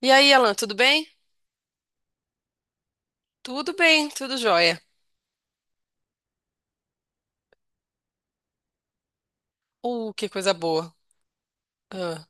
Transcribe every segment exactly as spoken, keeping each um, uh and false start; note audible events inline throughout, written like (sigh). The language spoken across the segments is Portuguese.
E aí, Alan, tudo bem? Tudo bem, tudo jóia. Uh, que coisa boa. Ah.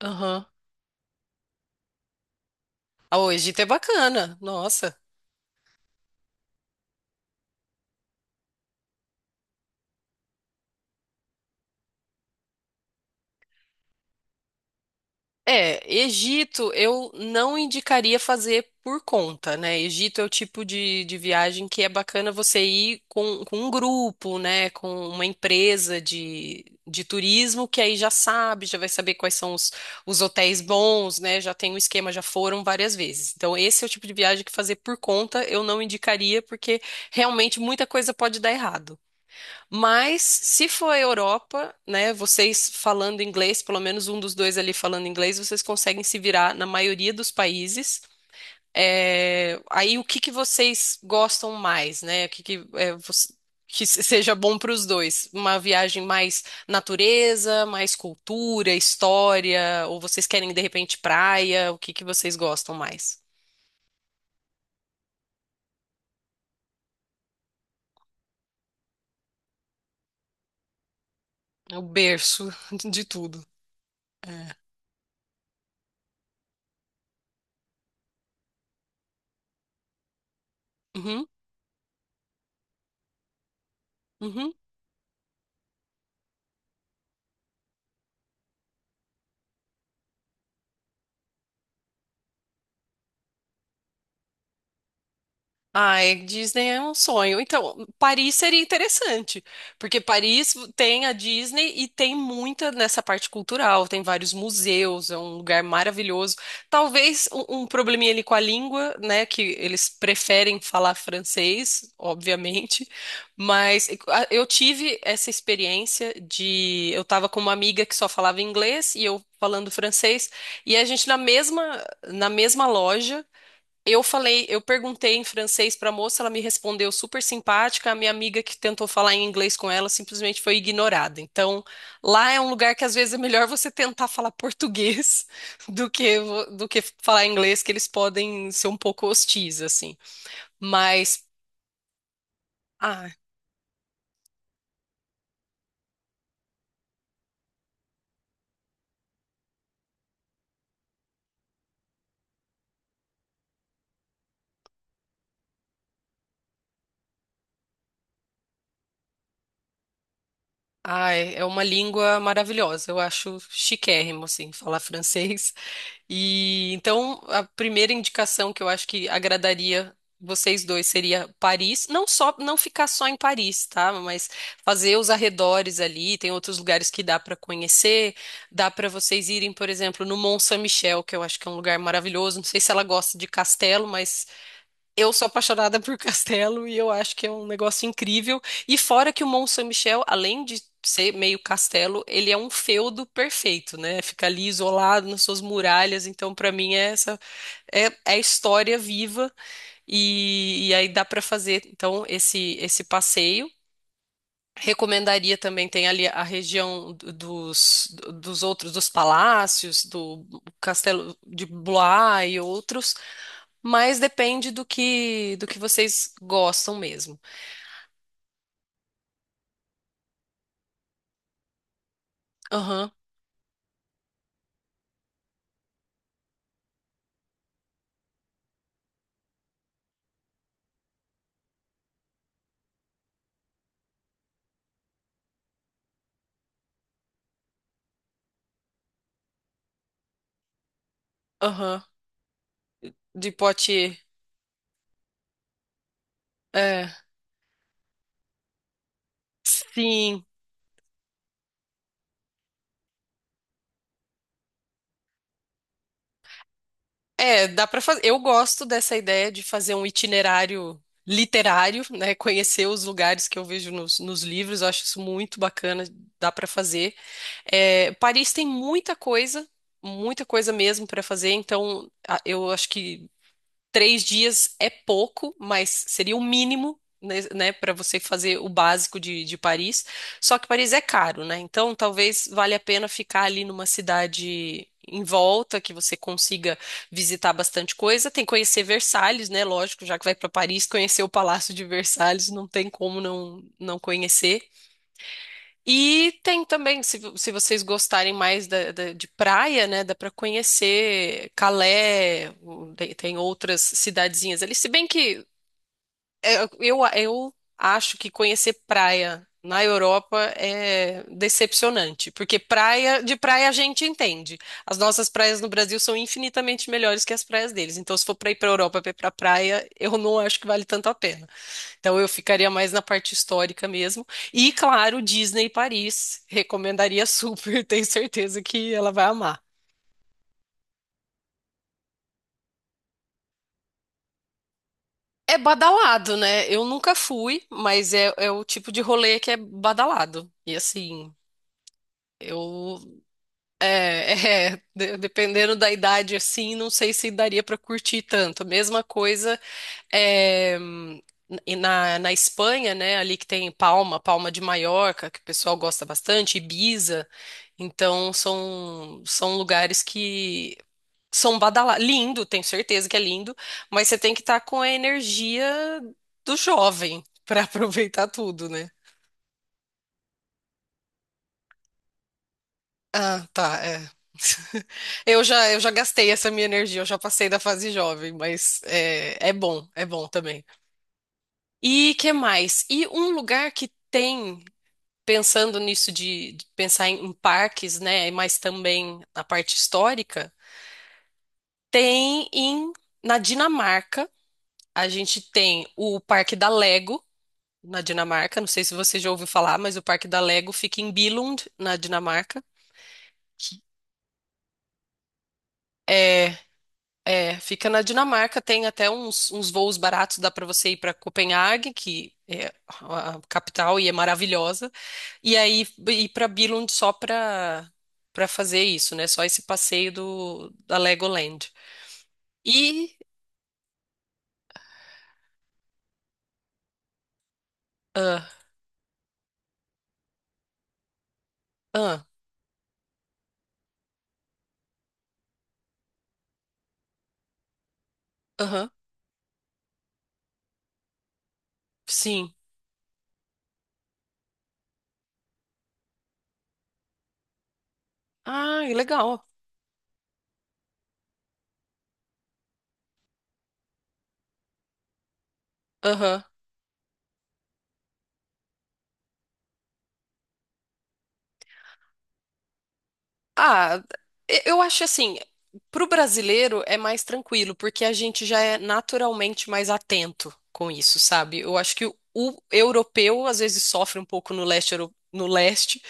Aham. Ah, hoje é bacana. Nossa. É, Egito eu não indicaria fazer por conta, né? Egito é o tipo de, de viagem que é bacana você ir com, com um grupo, né? Com uma empresa de, de turismo que aí já sabe, já vai saber quais são os, os hotéis bons, né? Já tem um esquema, já foram várias vezes. Então, esse é o tipo de viagem que fazer por conta eu não indicaria, porque realmente muita coisa pode dar errado. Mas se for a Europa, né, vocês falando inglês, pelo menos um dos dois ali falando inglês, vocês conseguem se virar na maioria dos países. É, aí o que que vocês gostam mais, né? O que que, é, você- que se- seja bom para os dois? Uma viagem mais natureza, mais cultura, história, ou vocês querem de repente praia? O que que vocês gostam mais? É o berço (laughs) de tudo. Uhum, uhum. Ai, Disney é um sonho. Então, Paris seria interessante, porque Paris tem a Disney e tem muita nessa parte cultural, tem vários museus, é um lugar maravilhoso. Talvez um, um probleminha ali com a língua, né, que eles preferem falar francês, obviamente, mas a- eu tive essa experiência de eu tava com uma amiga que só falava inglês e eu falando francês, e a gente na mesma na mesma loja eu falei, eu perguntei em francês pra moça, ela me respondeu super simpática. A minha amiga que tentou falar em inglês com ela simplesmente foi ignorada. Então, lá é um lugar que às vezes é melhor você tentar falar português (laughs) do que vo- do que falar inglês, que eles podem ser um pouco hostis assim. Mas ah, ai, é uma língua maravilhosa. Eu acho chiquérrimo assim falar francês. E então a primeira indicação que eu acho que agradaria vocês dois seria Paris, não só não ficar só em Paris, tá? Mas fazer os arredores ali, tem outros lugares que dá para conhecer, dá para vocês irem, por exemplo, no Mont Saint-Michel, que eu acho que é um lugar maravilhoso. Não sei se ela gosta de castelo, mas eu sou apaixonada por (laughs) castelo e eu acho que é um negócio incrível. E fora que o Mont Saint-Michel, além de ser meio castelo, ele é um feudo perfeito, né? Fica ali isolado nas suas muralhas. Então, para mim, é essa é, é a história viva e, e aí dá para fazer então esse esse passeio. Recomendaria também, tem ali a região do- dos, dos outros, dos palácios, do Castelo de Blois e outros, mas depende do que do que vocês gostam mesmo. Aham, aham, de Poitiers. É, sim. É, dá para fazer. Eu gosto dessa ideia de fazer um itinerário literário, né? Conhecer os lugares que eu vejo nos, nos livros, eu acho isso muito bacana, dá para fazer. É, Paris tem muita coisa, muita coisa mesmo para fazer, então a- eu acho que três dias é pouco, mas seria o mínimo, né, né, para você fazer o básico de, de Paris. Só que Paris é caro, né? Então talvez valha a pena ficar ali numa cidade em volta, que você consiga visitar bastante coisa. Tem que conhecer Versalhes, né? Lógico, já que vai para Paris, conhecer o Palácio de Versalhes, não tem como não, não conhecer. E tem também, se, vo- se vocês gostarem mais da, da- de praia, né, dá para conhecer Calais, o- tem, tem outras cidadezinhas ali. Se bem que é, eu, eu acho que conhecer praia na Europa é decepcionante, porque praia, de praia a gente entende. As nossas praias no Brasil são infinitamente melhores que as praias deles. Então, se for para ir para Europa para ir para praia, eu não acho que vale tanto a pena. Então eu ficaria mais na parte histórica mesmo. E claro, Disney Paris, recomendaria super, (laughs) tenho certeza que ela vai amar. É badalado, né? Eu nunca fui, mas é, é o tipo de rolê que é badalado. E assim, eu é, (laughs) é, de- dependendo da idade assim, não sei se daria pra curtir tanto. Mesma coisa. É, e na, na Espanha, né, ali que tem Palma, Palma de Maiorca, que o pessoal gosta bastante, Ibiza. Então, são, são lugares que são badalados. Lindo, tenho certeza que é lindo, mas você tem que estar com a energia do jovem para (laughs) aproveitar tudo, né? Ah, tá, é. (laughs) Eu já, eu já gastei essa minha energia, eu já passei da fase jovem, mas é, é bom, é bom também. E que mais? E um lugar que tem pensando nisso de, de pensar em, em parques, né, mas também na parte histórica, tem em na Dinamarca, a gente tem o Parque da Lego na Dinamarca, não sei se você já ouviu falar, mas o Parque da Lego fica em Billund, na Dinamarca. É, é, fica na Dinamarca, tem até uns, uns voos baratos, dá para você ir para Copenhague, que é a capital e é maravilhosa. E aí ir para Billund só para para fazer isso, né? Só esse passeio do da Legoland. E ah, ah, aham, sim. Ah, legal. Aham. Ah, e- eu acho assim, para o brasileiro é mais tranquilo, porque a gente já é naturalmente mais atento com isso, sabe? Eu acho que o, o europeu às vezes sofre um pouco no leste euro- no leste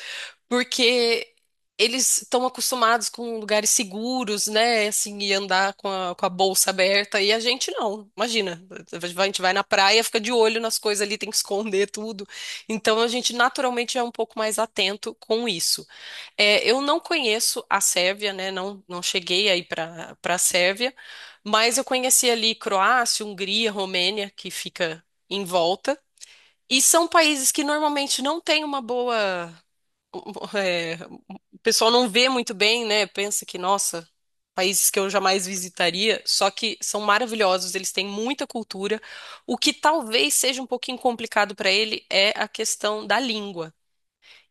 porque eles estão acostumados com lugares seguros, né? Assim, e andar com a, com a bolsa aberta, e a gente não. Imagina, a gente vai na praia, fica de olho nas coisas ali, tem que esconder tudo. Então a gente naturalmente é um pouco mais atento com isso. É, eu não conheço a Sérvia, né? Não, não cheguei aí para para a Sérvia, mas eu conheci ali Croácia, Hungria, Romênia, que fica em volta. E são países que normalmente não têm uma boa (laughs) é, o pessoal não vê muito bem, né? Pensa que, nossa, países que eu jamais visitaria, só que são maravilhosos, eles têm muita cultura. O que talvez seja um pouquinho complicado para ele é a questão da língua.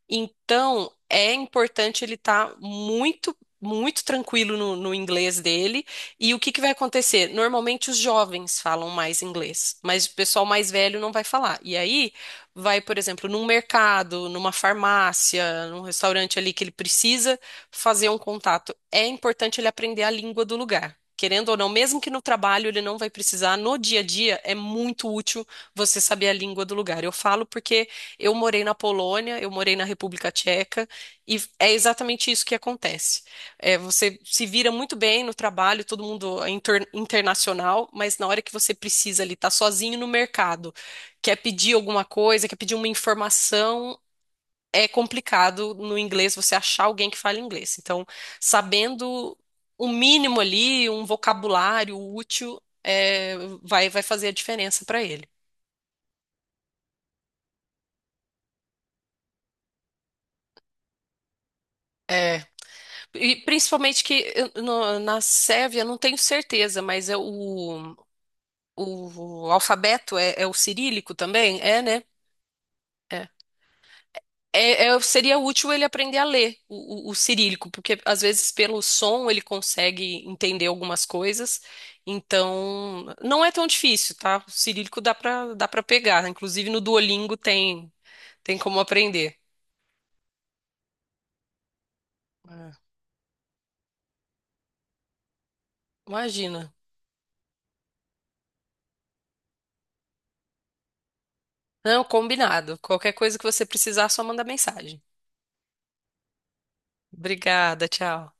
Então, é importante ele estar muito, muito tranquilo no, no inglês dele. E o que que vai acontecer? Normalmente os jovens falam mais inglês, mas o pessoal mais velho não vai falar. E aí vai, por exemplo, num mercado, numa farmácia, num restaurante ali que ele precisa fazer um contato. É importante ele aprender a língua do lugar. Querendo ou não, mesmo que no trabalho ele não vai precisar, no dia a dia é muito útil você saber a língua do lugar. Eu falo porque eu morei na Polônia, eu morei na República Tcheca, e é exatamente isso que acontece. É, você se vira muito bem no trabalho, todo mundo é inter- internacional, mas na hora que você precisa ali, tá sozinho no mercado, quer pedir alguma coisa, quer pedir uma informação, é complicado no inglês você achar alguém que fale inglês. Então, sabendo o mínimo ali, um vocabulário útil, é, vai, vai fazer a diferença para ele. E principalmente que eu- no- na Sérvia, eu não tenho certeza, mas é o, o alfabeto é, é o cirílico também? É, né? É. É- é- seria útil ele aprender a ler o, o- o cirílico, porque às vezes pelo som ele consegue entender algumas coisas. Então, não é tão difícil, tá? O cirílico dá para dá para pegar. Inclusive no Duolingo tem, tem como aprender. É. Imagina. Não, combinado. Qualquer coisa que você precisar, só manda mensagem. Obrigada, tchau.